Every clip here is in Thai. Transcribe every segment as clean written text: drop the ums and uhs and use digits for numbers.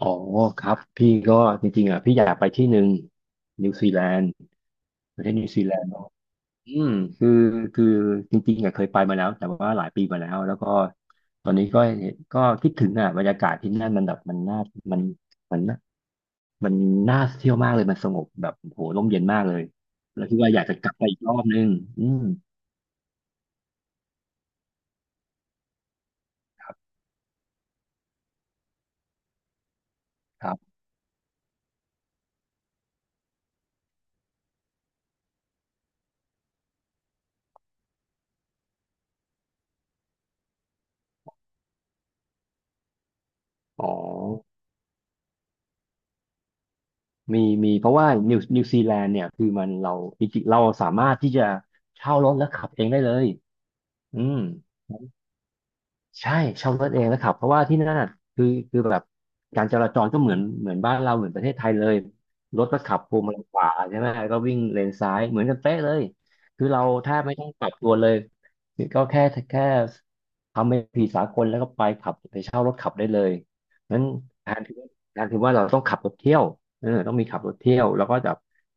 อ๋อครับพี่ก็จริงๆอ่ะพี่อยากไปที่หนึ่งนิวซีแลนด์ประเทศนิวซีแลนด์เนาะอืมคือคือจริงๆอ่ะเคยไปมาแล้วแต่ว่าหลายปีมาแล้วแล้วก็ตอนนี้ก็ก็คิดถึงอ่ะบรรยากาศที่นั่นมันแบบมันน่ามันมันน่ามันน่าเที่ยวมากเลยมันสงบแบบโหร่มเย็นมากเลยแล้วคิดว่าอยากจะกลับไปอีกรอบนึงอืมครับครับอ๋อ มีเพราะว่านิวซีแลนด์เนี่ยคือมันเราจริงๆเราสามารถที่จะเช่ารถแล้วขับเองได้เลยอืม ใช่เช่ารถเองนะครับเพราะว่าที่นั่นน่ะคือคือแบบการจราจรก็เหมือนบ้านเราเหมือนประเทศไทยเลยรถก็ขับพวงมาลัยขวาใช่ไหมก็วิ่งเลนซ้ายเหมือนกันเป๊ะเลยคือเราแทบไม่ต้องปรับตัวเลยก็แค่ทำเป็นผีสากลแล้วก็ไปขับไปเช่ารถขับได้เลยนั้นแทนที่แทนที่ว่าเราต้องขับรถเที่ยวเออต้องมีขับรถเที่ยวแล้วก็แบบ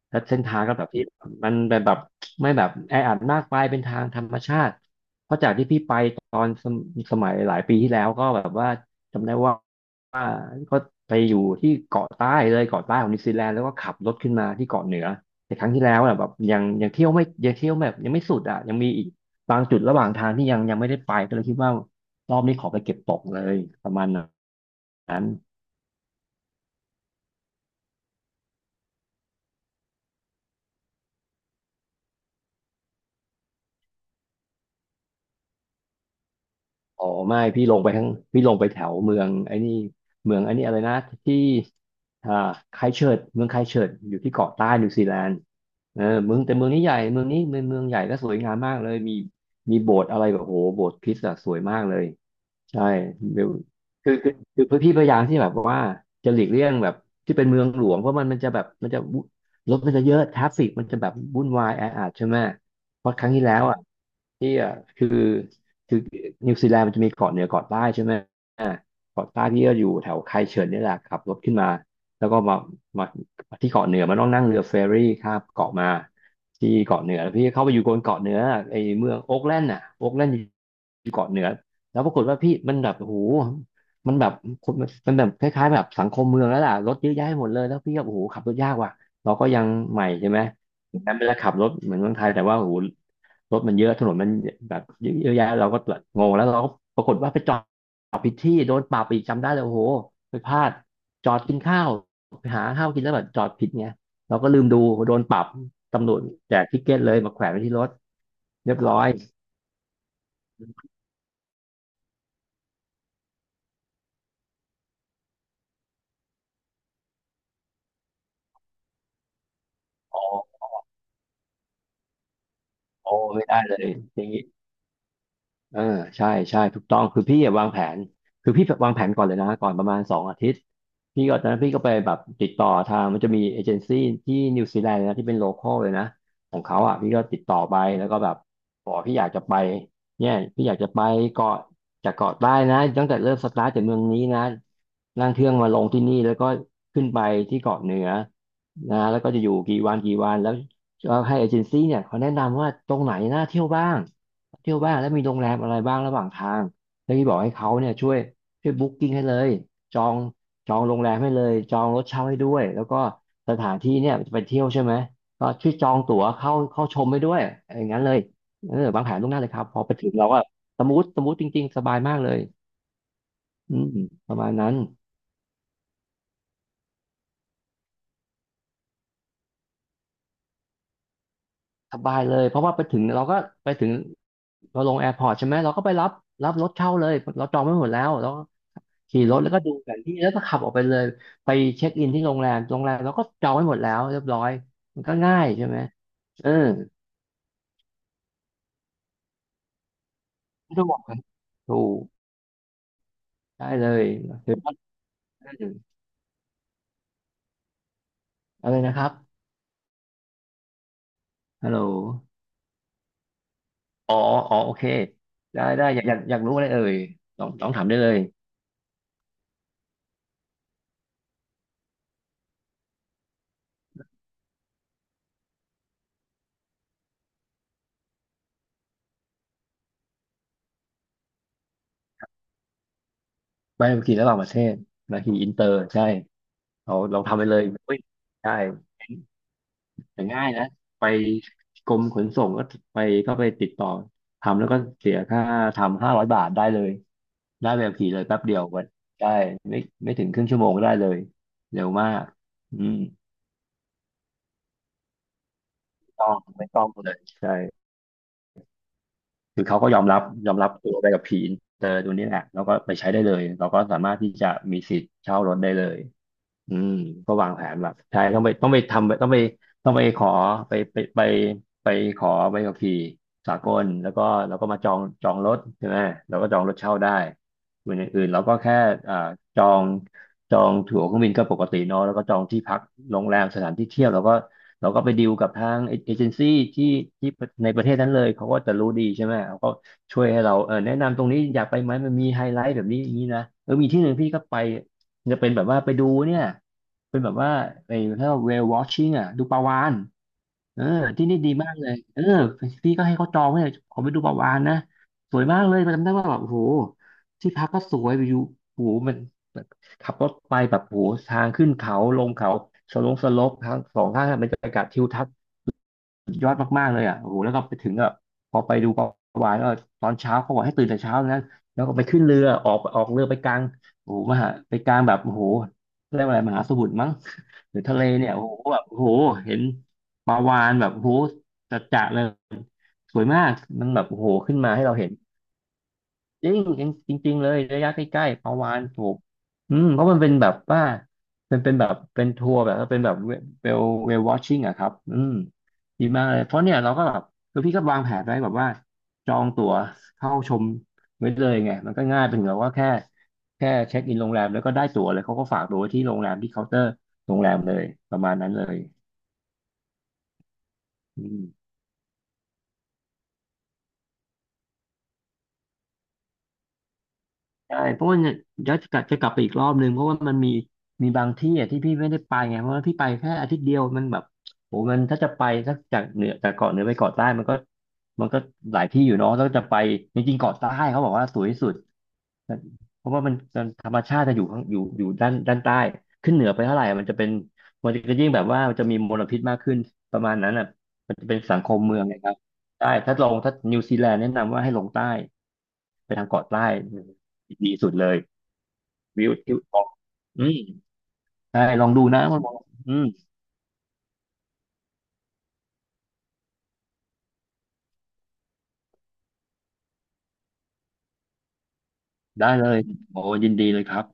แล้วเส้นทางก็แบบที่มันแบบไม่แบบแออัดมากไปเป็นทางธรรมชาติ เพราะจากที่พี่ไปตอนสมสมัยหลายปีที่แล้วก็แบบว่าจำได้ว่าก็ไปอยู่ที่เกาะใต้เลยเกาะใต้ของนิวซีแลนด์แล้วก็ขับรถขึ้นมาที่เกาะเหนือแต่ครั้งที่แล้วอะแบบยังเที่ยวแบบยังไม่สุดอ่ะยังมีอีกบางจุดระหว่างทางที่ยังไม่ได้ไปก็เลยคิดว่ารอบนี้ขอไปเก็บตกเลยประมาณนั้น อ๋อไม่พี่ลงไปทั้งพี่ลงไปแถวเมืองไอ้นี่เมืองไอ้นี่อะไรนะที่อ่าไครสต์เชิร์ชเมืองไครสต์เชิร์ชอยู่ที่เกาะใต้นิวซีแลนด์เออเมืองแต่เมืองนี้ใหญ่เมืองนี้เมืองใหญ่ก็สวยงามมากเลยมีโบสถ์อะไรแบบโหโบสถ์คริสต์อะสวยมากเลยใช่เดี๋ยวคือคือคือพี่พยายามที่แบบว่าจะหลีกเลี่ยงแบบที่เป็นเมืองหลวงเพราะมันจะแบบมันจะวุ่นรถมันจะเยอะทราฟฟิกมันจะแบบวุ่นวายแออัดใช่ไหมเพราะครั้งที่แล้วอ่ะที่อ่ะคือ คือนิวซีแลนด์มันจะมีเกาะเหนือเกาะใต้ใช่ไหมอ่าเกาะใต้พี่ก็อยู่แถวไคเฉินนี่แหละขับรถขึ้นมาแล้วก็มามาที่เกาะเหนือมันต้องนั่งเรือเฟอร์รี่ข้ามเกาะมาที่เกาะเหนือแล้วพี่เข้าไปอยู่บนเกาะเหนือไอ้เมืองโอ๊กแลนด์น่ะโอ๊กแลนด์อยู่เกาะเหนือแล้วปรากฏว่าพี่มันแบบโอ้โหมันแบบคนมันแบบคล้ายๆแบบสังคมเมืองแล้วล่ะรถเยอะแยะหมดเลยแล้วพี่ก็โอ้โหขับรถยากว่ะเราก็ยังใหม่ใช่ไหมแม้มันจะขับรถเหมือนเมืองไทยแต่ว่าโอ้โห รถมันเยอะถนนมันแบบเยอะแยะเราก็แบบงงแล้วเราก็ปรากฏว่าไปจอดผิดที่โดนปรับอีกจำได้เลยโอ้โหไปพลาดจอดกินข้าวไปหาข้าวกินแล้วแบบจอดผิดไงเราก็ลืมดูโดนปรับตำรวจแจกทิกเก็ตเลยมาแขวนไว้ที่รถเรียบร้อยอ๋ออ๋อไม่ได้เลยอย่างนี้ เออใช่ถูกต้องคือพี่อะวางแผนคือพี่วางแผนก่อนเลยนะก่อนประมาณสองอาทิตย์พี่ก็ตอนนั้นพี่ก็ไปแบบติดต่อทางมันจะมีเอเจนซี่ที่นิวซีแลนด์นะที่เป็นโลคอลเลยนะของเขาอ่ะพี่ก็ติดต่อไปแล้วก็แบบบอกพี่อยากจะไปเนี่ยพี่อยากจะไปเกาะจากเกาะใต้นะตั้งแต่เริ่มสตาร์ทจากเมืองนี้นะนั่งเครื่องมาลงที่นี่แล้วก็ขึ้นไปที่เกาะเหนือนะแล้วก็จะอยู่กี่วันกี่วันแล้วก็ให้เอเจนซี่เนี่ยเขาแนะนำว่าตรงไหนน่าเที่ยวบ้าง เที่ยวบ้างแล้วมีโรงแรมอะไรบ้างระหว่างทางแล้วพี่บอกให้เขาเนี่ยช่วยบุ๊กกิ้งให้เลยจองจองโรงแรมให้เลยจองรถเช่าให้ด้วยแล้วก็สถานที่เนี่ยจะไปเที่ยวใช่ไหมก็ช่วยจองตั๋วเข้าชมให้ด้วยอย่างนั้นเลยเออวางแผนล่วงหน้าเลยครับพอไปถึงเราก็สมูทจริงๆสบายมากเลยอืมประมาณนั้นสบายเลยเพราะว่าไปถึงเราก็ไปถึงเราลงแอร์พอร์ตใช่ไหมเราก็ไปรับรถเช่าเลยเราจองไว้หมดแล้วขี่รถแล้วก็ดูแผนที่แล้วก็ขับออกไปเลยไปเช็คอินที่โรงแรมโรงแรมเราก็จองไว้หมดแล้วเรียบร้อยมันก็ง่ายใช่ไหมเออไม่ต้องบอกกันถูกได้เลยถือว่าได้เลยเอาเลยนะครับฮัลโหลอ๋ออ๋อโอเคได้ได้อยากรู้อะไรเอ่ยลองถามได้เลยไปขี่ระหว่างประเทศมาขี่อินเตอร์ใช่เราลองทำไปเลยอุ้ยใช่แต่ง่ายนะไปกรมขนส่งก็ไปก็ไปติดต่อทำแล้วก็เสียค่าทำ500 บาทได้เลย ได้แบบขี่เลยแป๊บเดียววันได้ไม่ไม่ถึงครึ่งชั่วโมงก็ได้เลยเร็วมากอืมไม่ต้องเลยใช่ คือเขาก็ยอมรับตัวได้กับผีอินเตอร์ตัวนี้แหละแล้วก็ไปใช้ได้เลยเราก็สามารถที่จะมีสิทธิ์เช่ารถได้เลยอืมก็วางแผนแบบใช่ต้องไปต้องไปทำต้องไปต้องไปขอไปไปไปไปขอใบขับขี่สากลแล้วก็มาจองรถใช่ไหมเราก็จองรถเช่าได้ส่วนอย่างอื่นเราก็แค่อ่าจองจองตั๋วเครื่องบินก็ปกติเนอะแล้วก็จองที่พักโรงแรมสถานที่เที่ยวเราก็ เราก็ไปดีลกับทางเอเจนซี่ที่ที่ในประเทศนั้นเลยเขาก็จะรู้ดีใช่ไหมเขาก็ช่วยให้เราแนะนำตรงนี้อยากไปไหมมันมีไฮไลท์แบบนี้อย่างนี้นะเออมีที่หนึ่งพี่ก็ไปจะเป็นแบบว่าไปดูเนี่ยเป็นแบบว่าไอ้ถ้า whale watching อ่ะดูปลาวาฬเออที่นี่ดีมากเลยเออพี่ก็ให้เขาจองไว้เลยขอไปดูปลาวาฬนะสวยมากเลยจำได้ว่าแบบโอ้โหที่พักก็สวยอยู่โอ้โหมัน ขับรถไปแบบโหทางขึ้นเขาลงเขาสลงสลบทางสองข้างทางบรรยากาศทิวทัศน์สุดยอดมากๆเลยอ่ะโอ้โหแล้วก็ไปถึงอ่ะพอไปดูประวายก็ตอนเช้าเขาบอกให้ตื่นแต่เช้านะแล้วก็ไปขึ้นเรือออกเรือไปกลางโอ้โหมหาไปกลางแบบโอ้โหเรียกว่าอะไรมหาสมุทรมั้งหรือทะเลเนี่ยโอ้โหแบบโอ้โหเห็นปลาวาฬแบบโอ้โหจัดๆเลยสวยมากมันแบบโอ้โหขึ้นมาให้เราเห็น จริงจริงจริงๆเลยระยะใกล้ๆประวานถูกอืมเพราะมันเป็นแบบว่ามันเป็นแบบเป็นทัวร์แบบว่าเป็นแบบวลเวลวอชชิ่งอะครับอืมดีมากเลยเพราะเนี่ยเราก็แบบคือพี่ก็วางแผนไว้แบบว่าจองตั๋วเข้าชมไว้เลยไงมันก็ง่ายเป็นแบบว่าแค่เช็คอินโรงแรมแล้วก็ได้ตั๋วเลยเขาก็ฝากตั๋วไว้ที่โรงแรมที่เคาน์เตอร์โรงแรมเลยประมาณนั้นเลยอืม ใช่เพราะว่าเนี่ยเดี๋ยวจะกลับไปอีกรอบนึงเพราะว่ามันมีบางที่อ่ะที่พี่ไม่ได้ไปไงเพราะว่าพี่ไปแค่อาทิตย์เดียวมันแบบโหมันถ้าจะไปสักจากเหนือจากเกาะเหนือไปเกาะใต้มันก็หลายที่อยู่เนาะแล้วจะไปจริงๆเกาะใต้เขาบอกว่าสวยที่สุดเพราะว่ามันธรรมชาติจะอยู่ข้างอยู่อยู่ด้านใต้ขึ้นเหนือไปเท่าไหร่มันจะยิ่งแบบว่ามันจะมีมลพิษมากขึ้นประมาณนั้นอ่ะมันจะเป็นสังคมเมืองนะครับใช่ถ้านิวซีแลนด์แนะนำว่าให้ลงใต้ ไปทางเกาะใต้ดีสุดเลยวิวทิวออกอืมใช่ลองดูนะคุณบอลอืมได้เลยโอ้ยินดีเลยครับ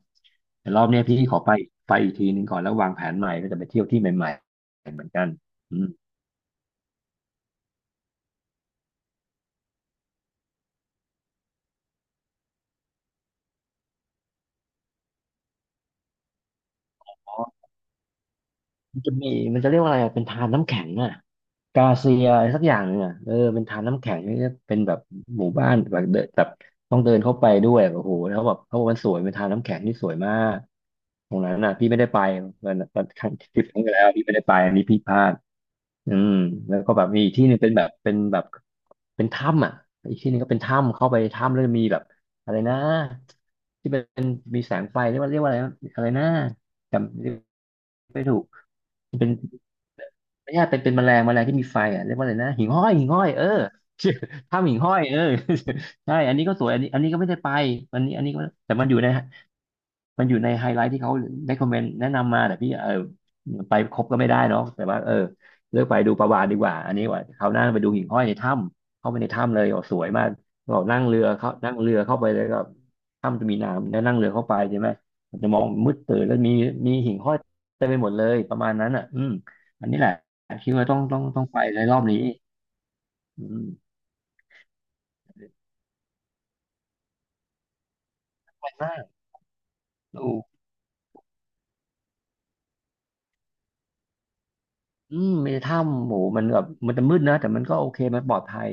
แต่รอบเนี้ยพี่ขอไปไปอีกทีหนึ่งก่อนแล้ววางแผนใหม่ก็จะไปเที่ยวที่ใหม่ๆเหมือนกันอืม มันจะมีมันจะเรียกว่าอะไรอะเป็นทานน้ำแข็งอ่ะกาเซียอะไรสักอย่างหนึ่งอ่ะเออเป็นทานน้ำแข็งนี่เป็นแบบหมู่บ้านแบบเดินแบบต้องเดินเข้าไปด้วยแบบโอ้โหแล้วแบบเขาบอกมันสวยเป็นทานน้ำแข็งที่สวยมากตรงนั้นน่ะพี่ไม่ได้ไปมันครั้งทริปครั้งที่แล้วพี่ไม่ได้ไปอันนี้พี่พลาดอืมแล้วก็แบบมีอีกที่หนึ่งเป็นแบบเป็นถ้ำอ่ะอีกที่หนึ่งก็เป็นถ้ำเข้าไปถ้ำแล้วมีแบบอะไรนะที่เป็นมีแสงไฟเรียกว่าอะไรนะจำไม่ถูก ไม่ใช่เป็นแมลงที่มีไฟอ่ะเรียกว่าอะไรนะหิ่งห้อยเออ ถ้ำหิ่งห้อยเออ ใช่อันนี้ก็สวยอันนี้ก็ไม่ได้ไปอันนี้อันนี้ก็แต่มันอยู่ใน มันอยู่ในไฮไลท์ที่เขาได้คอมเมนต์แนะนำมาแต่พี่เออไปครบก็ไม่ได้เนาะแต่ว่าเออเลือกไปดูประวานดีกว่าอันนี้ว่าคราวหน้าไปดูหิ่งห้อยในถ้ำเข้าไปในถ้ำเลยโอ้สวยมากเรานั่งเรือเขานั่งเรือเข้าไปเลยก็ถ้ำจะมีน้ำแล้วนั่งเรือเข้าไปใช่ไหมมันจะมองมืดตื่นแล้วมีหิ่งห้อยเต็มไปหมดเลยประมาณนั้นอ่ะอืมอันนี้แหละคิดว่าต้องไปในรอบนี้อืมไปมากดู อืมมีถ้ำโหมมันแบบมันจะมืดนะแต่มันก็โอเคมันปลอดภัย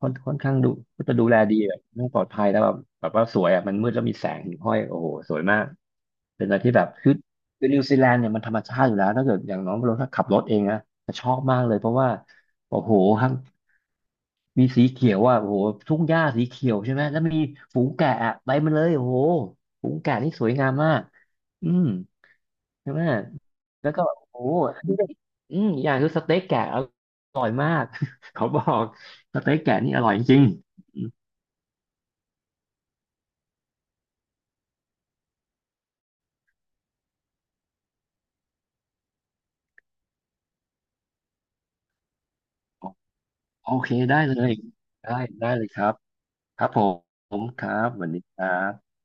ค่อนข้างดูก็จะดูแลดีแบบมันปลอดภัยแล้วแบบว่าสวยอ่ะมันมืดแล้วมีแสงห้อยโอ้โหสวยมากเป็นอะไรที่แบบคือนิวซีแลนด์เนี่ยมันธรรมชาติอยู่แล้วถ้าเกิดอย่างน้องเราถ้าขับรถเองนะจะชอบมากเลยเพราะว่าโอ้โหทั้งมีสีเขียวอ่ะโอ้โหทุ่งหญ้าสีเขียวใช่ไหมแล้วมีฝูงแกะอะไปมันเลยโอ้โหฝูงแกะนี่สวยงามมากอืม ใช่ไหม แล้วก็แบบโอ้โหอันนี้ก็อืมอย่างคือสเต็กแกะอร่อยมาก เขาบอกสเต็กแกะนี่อร่อยจริงอืมโอเคได้เลยได้ได้เลยครับครับผมครับสวัสดีครับ